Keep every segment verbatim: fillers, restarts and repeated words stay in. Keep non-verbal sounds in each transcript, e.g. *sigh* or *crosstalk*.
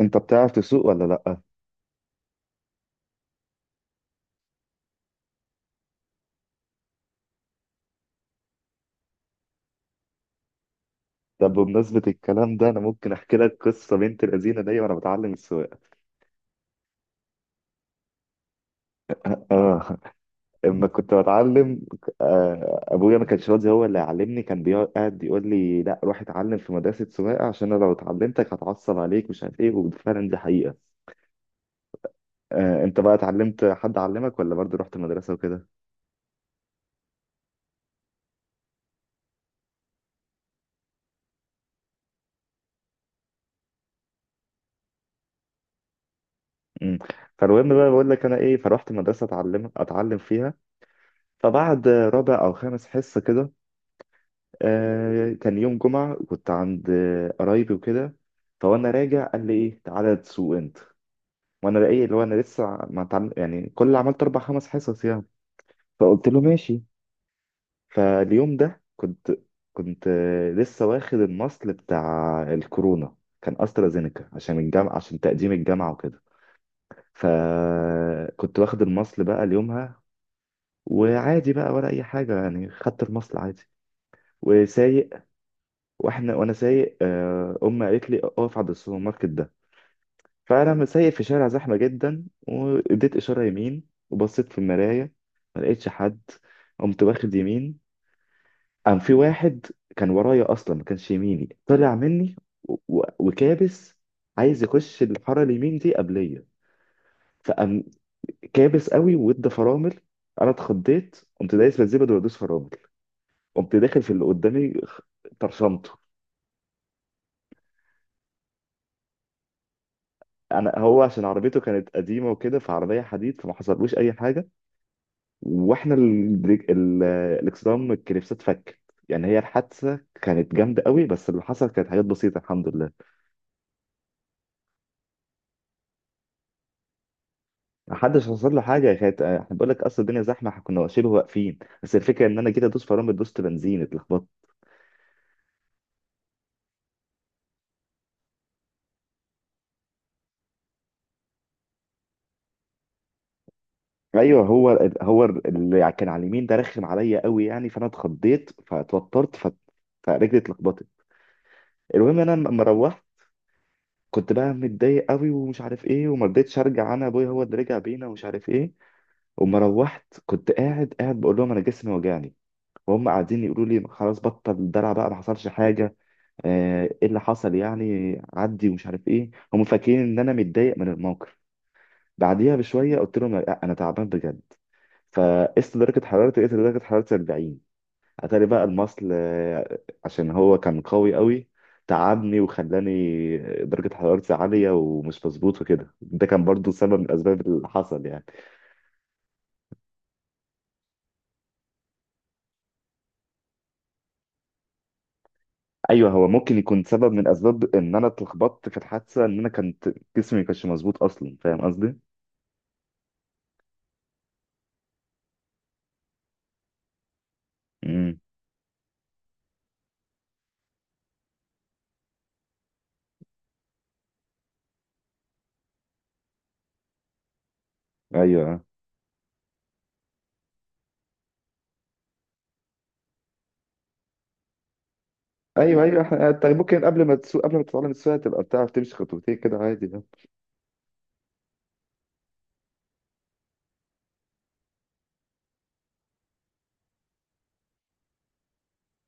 انت بتعرف تسوق ولا لا؟ طب بمناسبه الكلام ده، انا ممكن احكي لك قصه بنت الذين دي وانا بتعلم السواقه. اه. اما كنت بتعلم، آه، ابويا ما كانش راضي هو اللي يعلمني، كان بيقعد يقول لي لا، روح اتعلم في مدرسه سواقه عشان انا لو اتعلمتك هتعصب عليك مش عارف ايه. وفعلا دي حقيقه. آه، انت بقى اتعلمت، حد علمك ولا برضه رحت مدرسه وكده؟ امم. فالمهم بقى بقول لك انا ايه، فروحت مدرسه اتعلم اتعلم فيها. فبعد رابع او خامس حصه كده، آه كان يوم جمعة، كنت عند آه، قرايبي وكده. فوانا راجع قال لي ايه، تعالى تسوق انت. وانا بقى ايه اللي هو، انا لسه ما اتعلم يعني، كل اللي عملت اربع خمس حصص يعني. فقلت له ماشي. فاليوم ده كنت كنت آه، لسه واخد المصل بتاع الكورونا. كان استرازينيكا، عشان الجامعة، عشان تقديم الجامعة وكده. فكنت واخد المصل بقى ليومها. وعادي بقى ولا اي حاجة يعني، خدت المصل عادي. وسايق. واحنا وانا سايق، آه، امي قالت لي اقف عند السوبر ماركت ده. فانا لما سايق في شارع زحمه جدا، واديت اشاره يمين وبصيت في المرايه، ما لقيتش حد. قمت واخد يمين. قام في واحد كان ورايا، اصلا ما كانش يميني طلع مني. و- و- وكابس، عايز يخش الحاره اليمين دي قبليه. فقام كابس قوي وادى فرامل. انا اتخضيت، قمت دايس بالزبده وادوس فرامل. قمت داخل في اللي قدامي، خ- طرشمته. انا، هو عشان عربيته كانت قديمه وكده، فعربيه حديد فما حصلوش اي حاجه. واحنا البريك- ال- الاكسدام الكليبسات فكت. يعني هي الحادثه كانت جامده قوي، بس اللي حصل كانت حاجات بسيطه الحمد لله. ما حدش حصل له حاجه، كانت احنا بقول لك اصل الدنيا زحمه، احنا كنا شبه واقفين، بس الفكره ان انا جيت ادوس فرامل دوست بنزين، اتلخبطت. ايوه، هو هو اللي كان على اليمين ده رخم عليا قوي يعني، فانا اتخضيت فاتوترت ف... فرجلي اتلخبطت. المهم إن انا لما روحت، كنت بقى متضايق قوي ومش عارف ايه، وما رضيتش ارجع، انا ابويا هو اللي رجع بينا ومش عارف ايه. وما روحت كنت قاعد قاعد بقول لهم انا جسمي وجعني، وهم قاعدين يقولوا لي خلاص بطل الدلع بقى، ما حصلش حاجه. آه، ايه اللي حصل يعني، عدي ومش عارف ايه، هم فاكرين ان انا متضايق من الموقف. بعديها بشويه قلت لهم لا، انا تعبان بجد. فقست درجه حرارتي، لقيت درجه حرارتي أربعين. اتاري بقى المصل، آه، عشان هو كان قوي قوي، تعبني وخلاني درجة حرارتي عالية ومش مظبوط وكده. ده كان برضو سبب من الأسباب اللي حصل يعني. أيوه، هو ممكن يكون سبب من أسباب إن أنا اتلخبطت في الحادثة، إن أنا كنت جسمي ما كانش مظبوط أصلا. فاهم قصدي؟ امم. أيوه. آه. أيوه، أيوه، إحنا- أنت ممكن قبل ما تسوق قبل ما تتعلم السواقة تبقى بتعرف تمشي خطوتين كده عادي ده.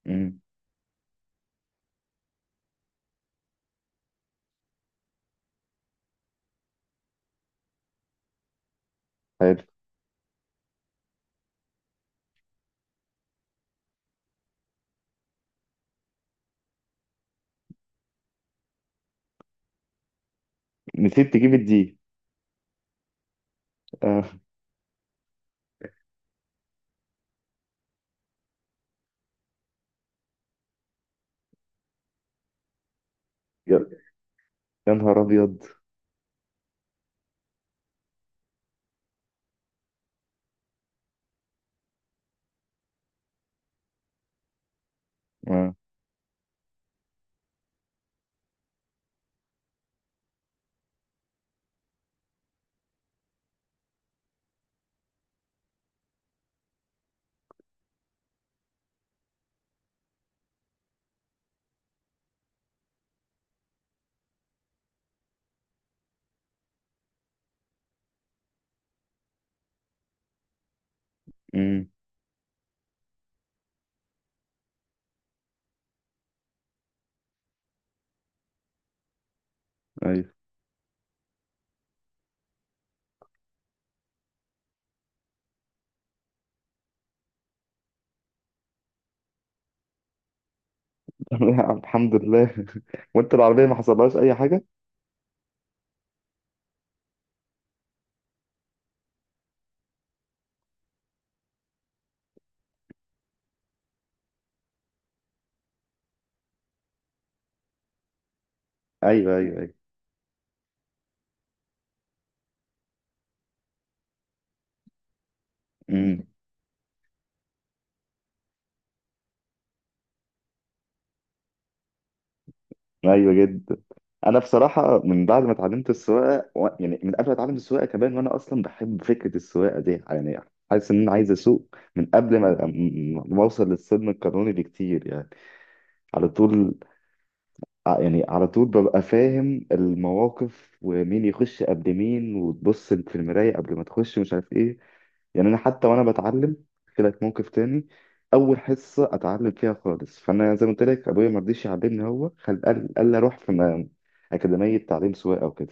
امم. حلو. نسيت تجيب الدي. آه. يا يا نهار أبيض. آه. امم. أيوه. *laughs* لا الحمد لله. *laughs* وانت العربية ما حصلهاش اي حاجة؟ ايوه، ايوه، ايوه. امم. ايوه جدا. انا بصراحة من بعد ما اتعلمت السواقة و... يعني من قبل ما اتعلم السواقة كمان، وانا اصلا بحب فكرة السواقة دي يعني، حاسس ان انا عايز اسوق من قبل ما ما اوصل للسن القانوني بكتير يعني. على طول. ع- يعني على طول ببقى فاهم المواقف، ومين يخش قبل مين، وتبص في المراية قبل ما تخش مش عارف ايه. يعني انا حتى وانا بتعلم، احكي لك موقف تاني. اول حصه اتعلم فيها خالص، فانا زي ما قلت لك ابويا ما رضيش يعلمني، هو خل قال قال لي اروح في م- اكاديميه تعليم سواقه وكده.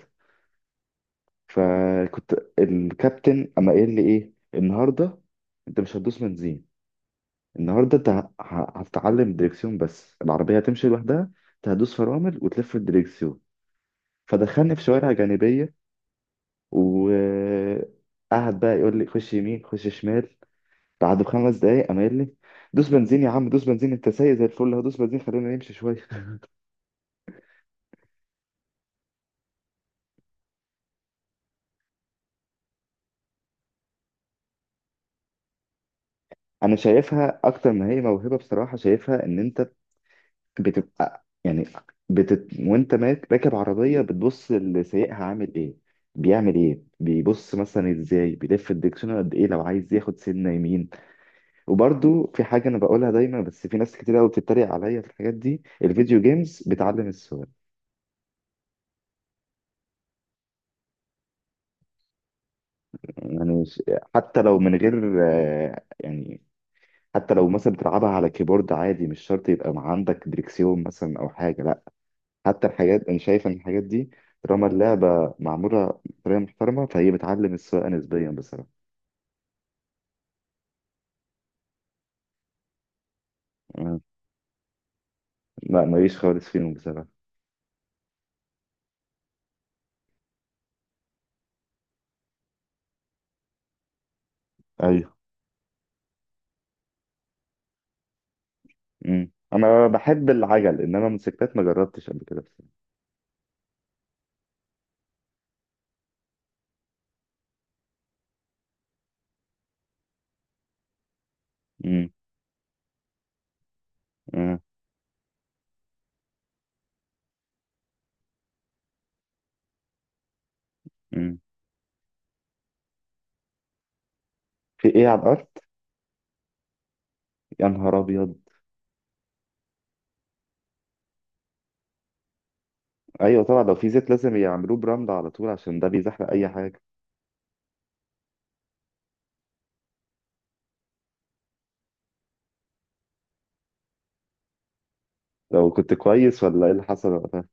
فكنت الكابتن اما قال لي ايه، النهارده انت مش هتدوس بنزين، النهارده انت ه- ه- هتتعلم دريكسيون بس، العربيه هتمشي لوحدها، انت هتدوس فرامل وتلف الدريكسيون. فدخلني في شوارع جانبية، وقعد بقى يقول لي خش يمين خش شمال. بعد خمس دقايق قام قايل لي، دوس بنزين يا عم، دوس بنزين، انت سايق زي الفل، هدوس بنزين خلينا نمشي شوية. *laughs* انا شايفها اكتر ما هي موهبة بصراحة، شايفها ان انت بتبقى يعني، بتت... وانت ماك راكب عربية بتبص لسايقها عامل ايه، بيعمل ايه، بيبص مثلا ازاي، بيلف الدكسون قد ايه لو عايز ياخد سنة يمين. وبرضو في حاجة أنا بقولها دايما، بس في ناس كتير أوي بتتريق عليا في الحاجات دي، الفيديو جيمز بتعلم السواقة. يعني ش- حتى لو من غير آه، يعني، حتى لو مثلا بتلعبها على كيبورد عادي، مش شرط يبقى مع عندك دريكسيون مثلا أو حاجة، لأ. حتى الحاجات، أنا شايف إن الحاجات دي طالما اللعبة معمولة بطريقة محترمة، فهي بتعلم السواقة نسبيا بصراحة. آه، لا ماليش خالص فيهم بصراحة. أيوه. مم. أنا بحب العجل، إنما موتوسيكلات ما جربتش قبل كده بصراحة. مم. آه. مم. في ايه على الارض؟ يا نهار ابيض. ايوه طبعا، لو في زيت لازم يعملوه برمل على طول، عشان ده بيزحلق اي حاجه. لو كنت كويس ولا ايه اللي حصل وقتها؟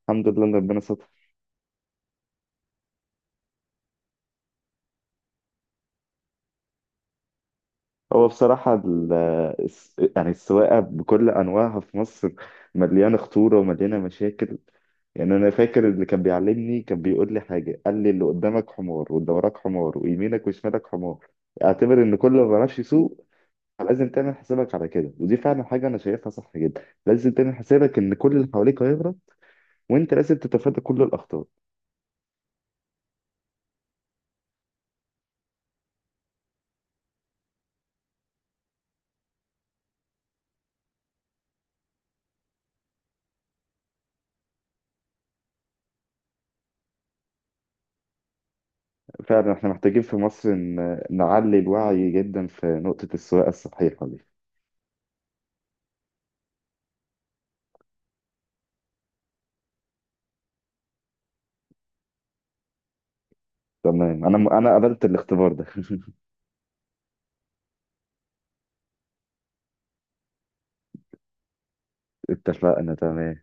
الحمد لله ان ربنا ستر. هو بصراحه ال- الس- يعني السواقه بكل انواعها في مصر مليانه خطوره ومليانه مشاكل. يعني انا فاكر اللي كان بيعلمني كان بيقول لي حاجه، قال لي اللي قدامك حمار واللي وراك حمار ويمينك وشمالك حمار، اعتبر ان كل ما بيعرفش يسوق. لازم تعمل حسابك على كده، ودي فعلا حاجه انا شايفها صح جدا، لازم تعمل حسابك ان كل اللي حواليك هيغلط، وانت لازم تتفادى كل الاخطار. فعلا احنا محتاجين في مصر ن- نعلي الوعي جدا في نقطة السواقة الصحيحة دي. تمام، انا انا قبلت الاختبار ده. *laughs* اتفقنا، تمام.